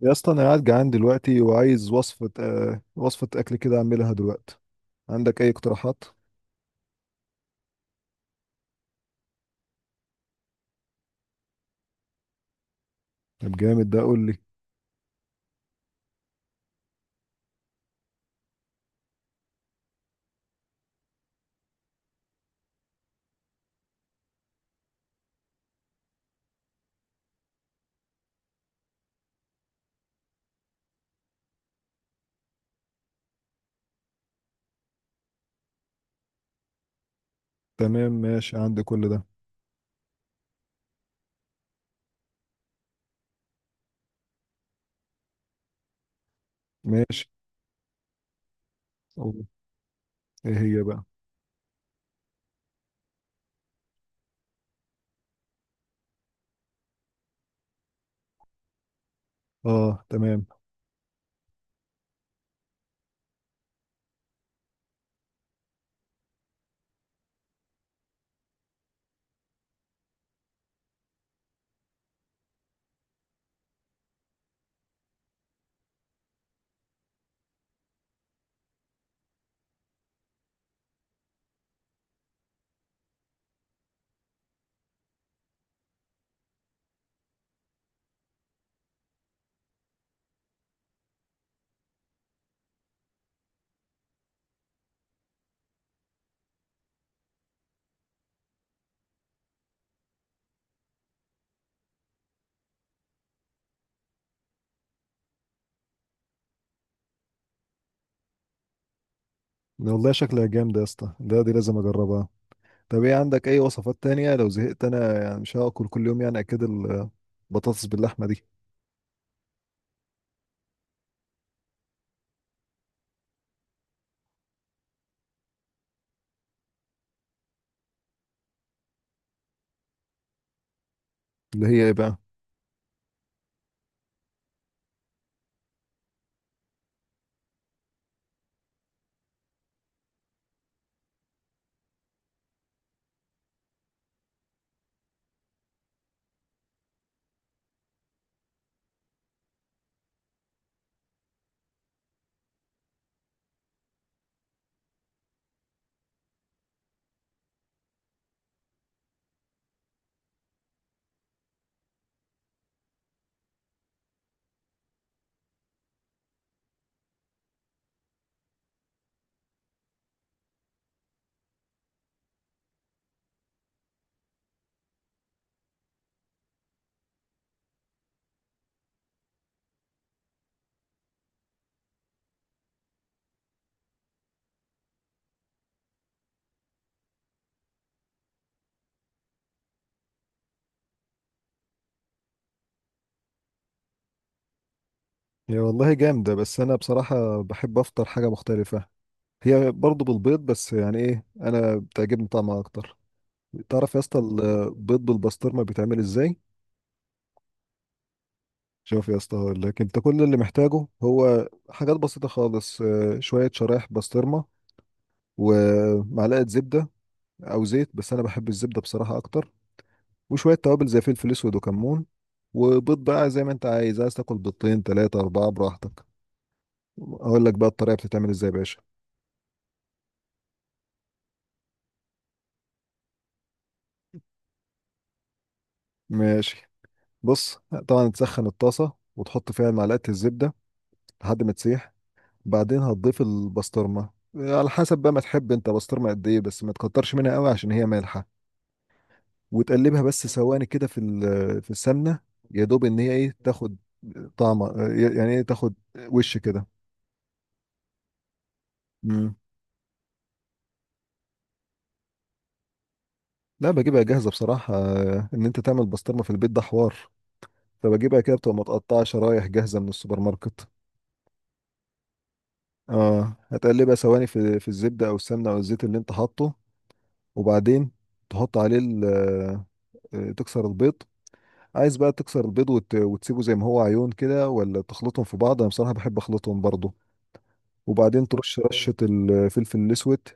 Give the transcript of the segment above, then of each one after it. يا اسطى انا قاعد جعان دلوقتي وعايز وصفة وصفة اكل كده اعملها دلوقتي. عندك اي اقتراحات؟ طب جامد، ده قول لي. تمام ماشي عندي كل ده. ماشي. أوه. ايه هي بقى؟ اه تمام. ده والله شكلها جامد يا اسطى، ده دي لازم اجربها. طب ايه عندك اي وصفات تانية لو زهقت انا، يعني مش هاكل كل يوم يعني اكيد البطاطس باللحمة دي. اللي هي ايه بقى؟ هي والله جامدة بس انا بصراحة بحب افطر حاجة مختلفة. هي برضه بالبيض بس يعني ايه، انا بتعجبني طعمها اكتر. تعرف يا اسطى البيض بالبسطرمه بيتعمل ازاي؟ شوف يا اسطى، هقول لك، انت كل اللي محتاجه هو حاجات بسيطه خالص، شويه شرايح بسطرمه، ومعلقه زبده او زيت، بس انا بحب الزبده بصراحه اكتر. وشويه توابل زي فلفل اسود وكمون، وبيض بقى زي ما انت عايز، عايز تاكل بيضتين ثلاثه اربعه براحتك. اقول لك بقى الطريقه بتتعمل ازاي يا باشا. ماشي. بص، طبعا تسخن الطاسه وتحط فيها معلقه الزبده لحد ما تسيح. بعدين هتضيف البسطرمة على حسب بقى ما تحب انت بسطرمة قد ايه، بس ما تكترش منها قوي عشان هي مالحة. وتقلبها بس ثواني كده في السمنة. يا دوب ان هي ايه تاخد طعم، يعني ايه تاخد وش كده. مم. لا بجيبها جاهزة بصراحة. ان انت تعمل بسطرمة في البيت ده حوار. فبجيبها كده بتبقى متقطعة شرايح جاهزة من السوبر ماركت. اه هتقلبها ثواني في الزبدة او السمنة او الزيت اللي انت حاطه. وبعدين تحط عليه تكسر البيض. عايز بقى تكسر البيض وتسيبه زي ما هو عيون كده، ولا تخلطهم في بعض؟ انا بصراحه بحب اخلطهم برضو. وبعدين ترش رشه الفلفل الاسود.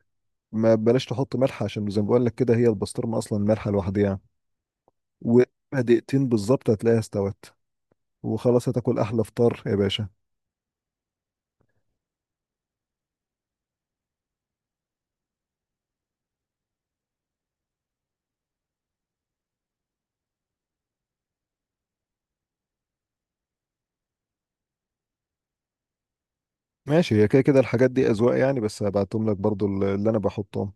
ما بلاش تحط ملح عشان زي ما بقول لك كده، هي البسطرمه اصلا مالحه لوحدها. وبقى دقيقتين بالظبط هتلاقيها استوت، وخلاص هتاكل احلى فطار يا باشا. ماشي، هي كده كده الحاجات دي اذواق يعني، بس هبعتهم لك برضو اللي انا بحطهم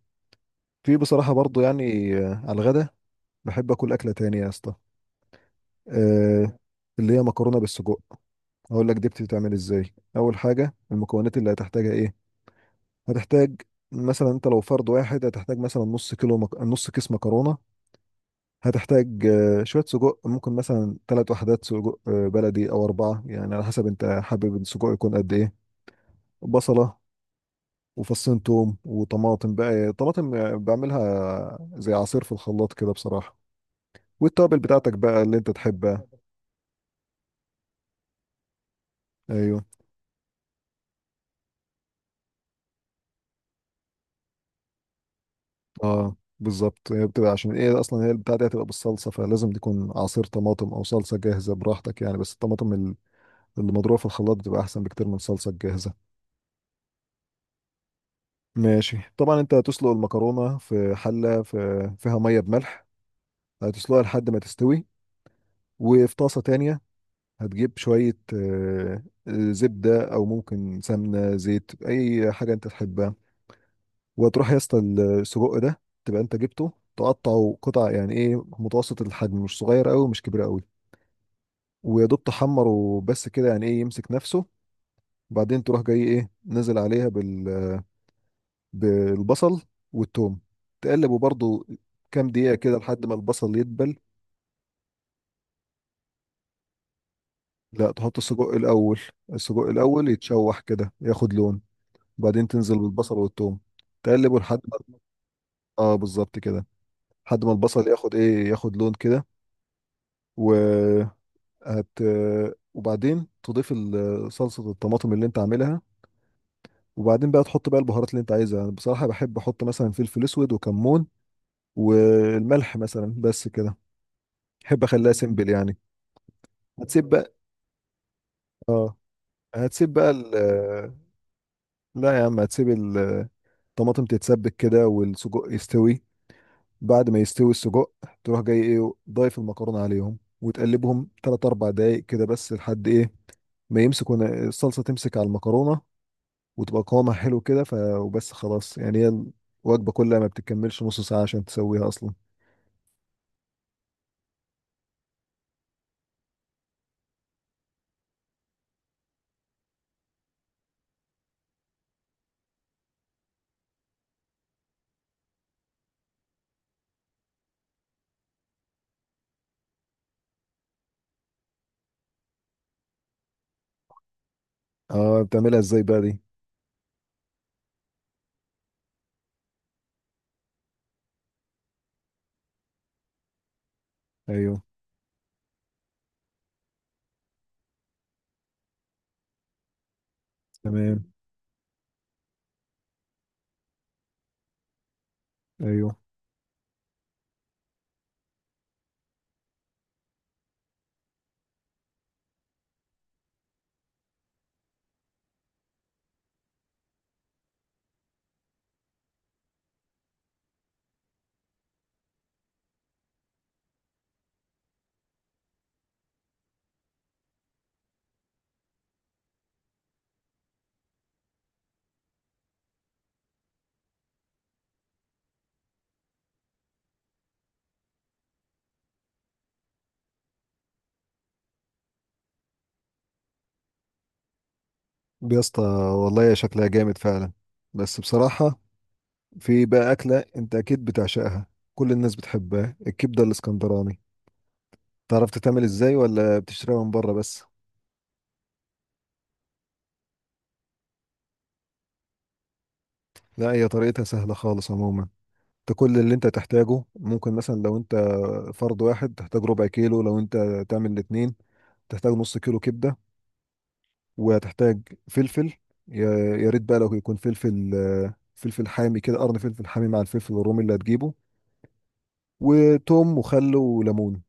في، بصراحه برضو يعني، على الغدا. بحب اكل اكله تانية يا اسطى، آه، اللي هي مكرونه بالسجق. هقول لك دي بتتعمل ازاي. اول حاجه المكونات اللي هتحتاجها ايه. هتحتاج مثلا انت لو فرد واحد هتحتاج مثلا نص كيلو نص كيس مكرونه. هتحتاج شويه سجق، ممكن مثلا ثلاث وحدات سجق بلدي او اربعه، يعني على حسب انت حابب السجق يكون قد ايه. بصله، وفصين توم، وطماطم بقى. طماطم بعملها زي عصير في الخلاط كده بصراحه. والتوابل بتاعتك بقى اللي انت تحبها. ايوه اه بالظبط، هي بتبقى عشان ايه، اصلا هي البتاعه دي هتبقى بالصلصه، فلازم تكون عصير طماطم او صلصه جاهزه براحتك يعني، بس الطماطم اللي مضروبه في الخلاط بتبقى احسن بكتير من الصلصه الجاهزه. ماشي، طبعا انت هتسلق المكرونه في حله، فيها ميه بملح. هتسلقها لحد ما تستوي. وفي طاسه تانية هتجيب شويه زبده او ممكن سمنه زيت اي حاجه انت تحبها. وتروح يا اسطى السجق ده تبقى انت جبته تقطعه قطع، يعني ايه متوسط الحجم، مش صغير قوي مش كبير قوي. ويا دوب تحمر وبس كده، يعني ايه يمسك نفسه. وبعدين تروح جاي ايه نزل عليها بالبصل والثوم. تقلبه برضو كام دقيقة كده لحد ما البصل يدبل. لا تحط السجق الأول. السجق الأول يتشوح كده ياخد لون، وبعدين تنزل بالبصل والثوم. تقلبه لحد ما، اه بالظبط كده، لحد ما البصل ياخد ايه، ياخد لون كده. و هت... وبعدين تضيف صلصة الطماطم اللي انت عاملها. وبعدين بقى تحط بقى البهارات اللي انت عايزها. انا بصراحة بحب احط مثلا فلفل اسود وكمون والملح مثلا، بس كده، بحب اخليها سيمبل يعني. هتسيب بقى. اه هتسيب بقى ال، لا يا عم، هتسيب الطماطم تتسبك كده والسجق يستوي. بعد ما يستوي السجق، تروح جاي ايه ضايف المكرونة عليهم وتقلبهم 3 4 دقايق كده، بس لحد ايه ما يمسكوا الصلصة، تمسك على المكرونة وتبقى قوامها حلو كده. وبس خلاص يعني، هي الوجبة كلها ما بتكملش نص ساعة عشان تسويها أصلا. اه بتعملها ازاي بقى دي؟ ايوه تمام ايوه. دي يا اسطى والله شكلها جامد فعلا، بس بصراحة في بقى أكلة أنت أكيد بتعشقها، كل الناس بتحبها، الكبدة الإسكندراني. تعرف تتعمل إزاي ولا بتشتريها من بره بس؟ لا هي طريقتها سهلة خالص عموما. أنت كل اللي أنت تحتاجه، ممكن مثلا لو أنت فرد واحد تحتاج ربع كيلو، لو أنت تعمل الاتنين تحتاج نص كيلو كبدة. وهتحتاج فلفل، يا يا ريت بقى لو يكون فلفل، فلفل حامي كده، قرن فلفل حامي مع الفلفل الرومي اللي هتجيبه، وتوم وخل وليمون،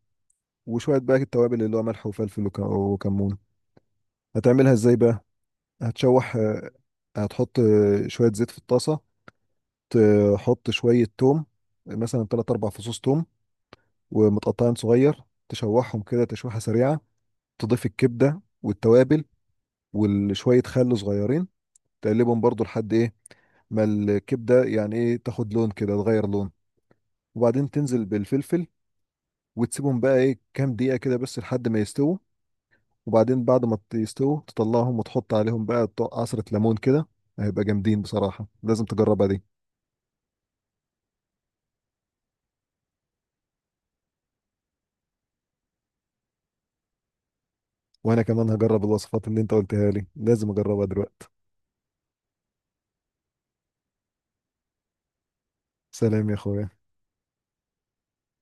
وشوية بقى التوابل اللي هو ملح وفلفل وكمون. هتعملها ازاي بقى؟ هتشوح هتحط شوية زيت في الطاسة. تحط شوية توم، مثلا تلات أربع فصوص توم ومتقطعين صغير. تشوحهم كده تشويحة سريعة. تضيف الكبدة والتوابل وشوية خل صغيرين. تقلبهم برضو لحد ايه، ما الكبده يعني ايه تاخد لون كده، تغير لون. وبعدين تنزل بالفلفل، وتسيبهم بقى ايه كام دقيقه كده، بس لحد ما يستووا. وبعدين بعد ما يستووا تطلعهم وتحط عليهم بقى عصره ليمون كده. هيبقى جامدين بصراحه، لازم تجربها دي. وانا كمان هجرب الوصفات اللي انت قلتها لي، لازم اجربها دلوقتي. سلام يا اخويا.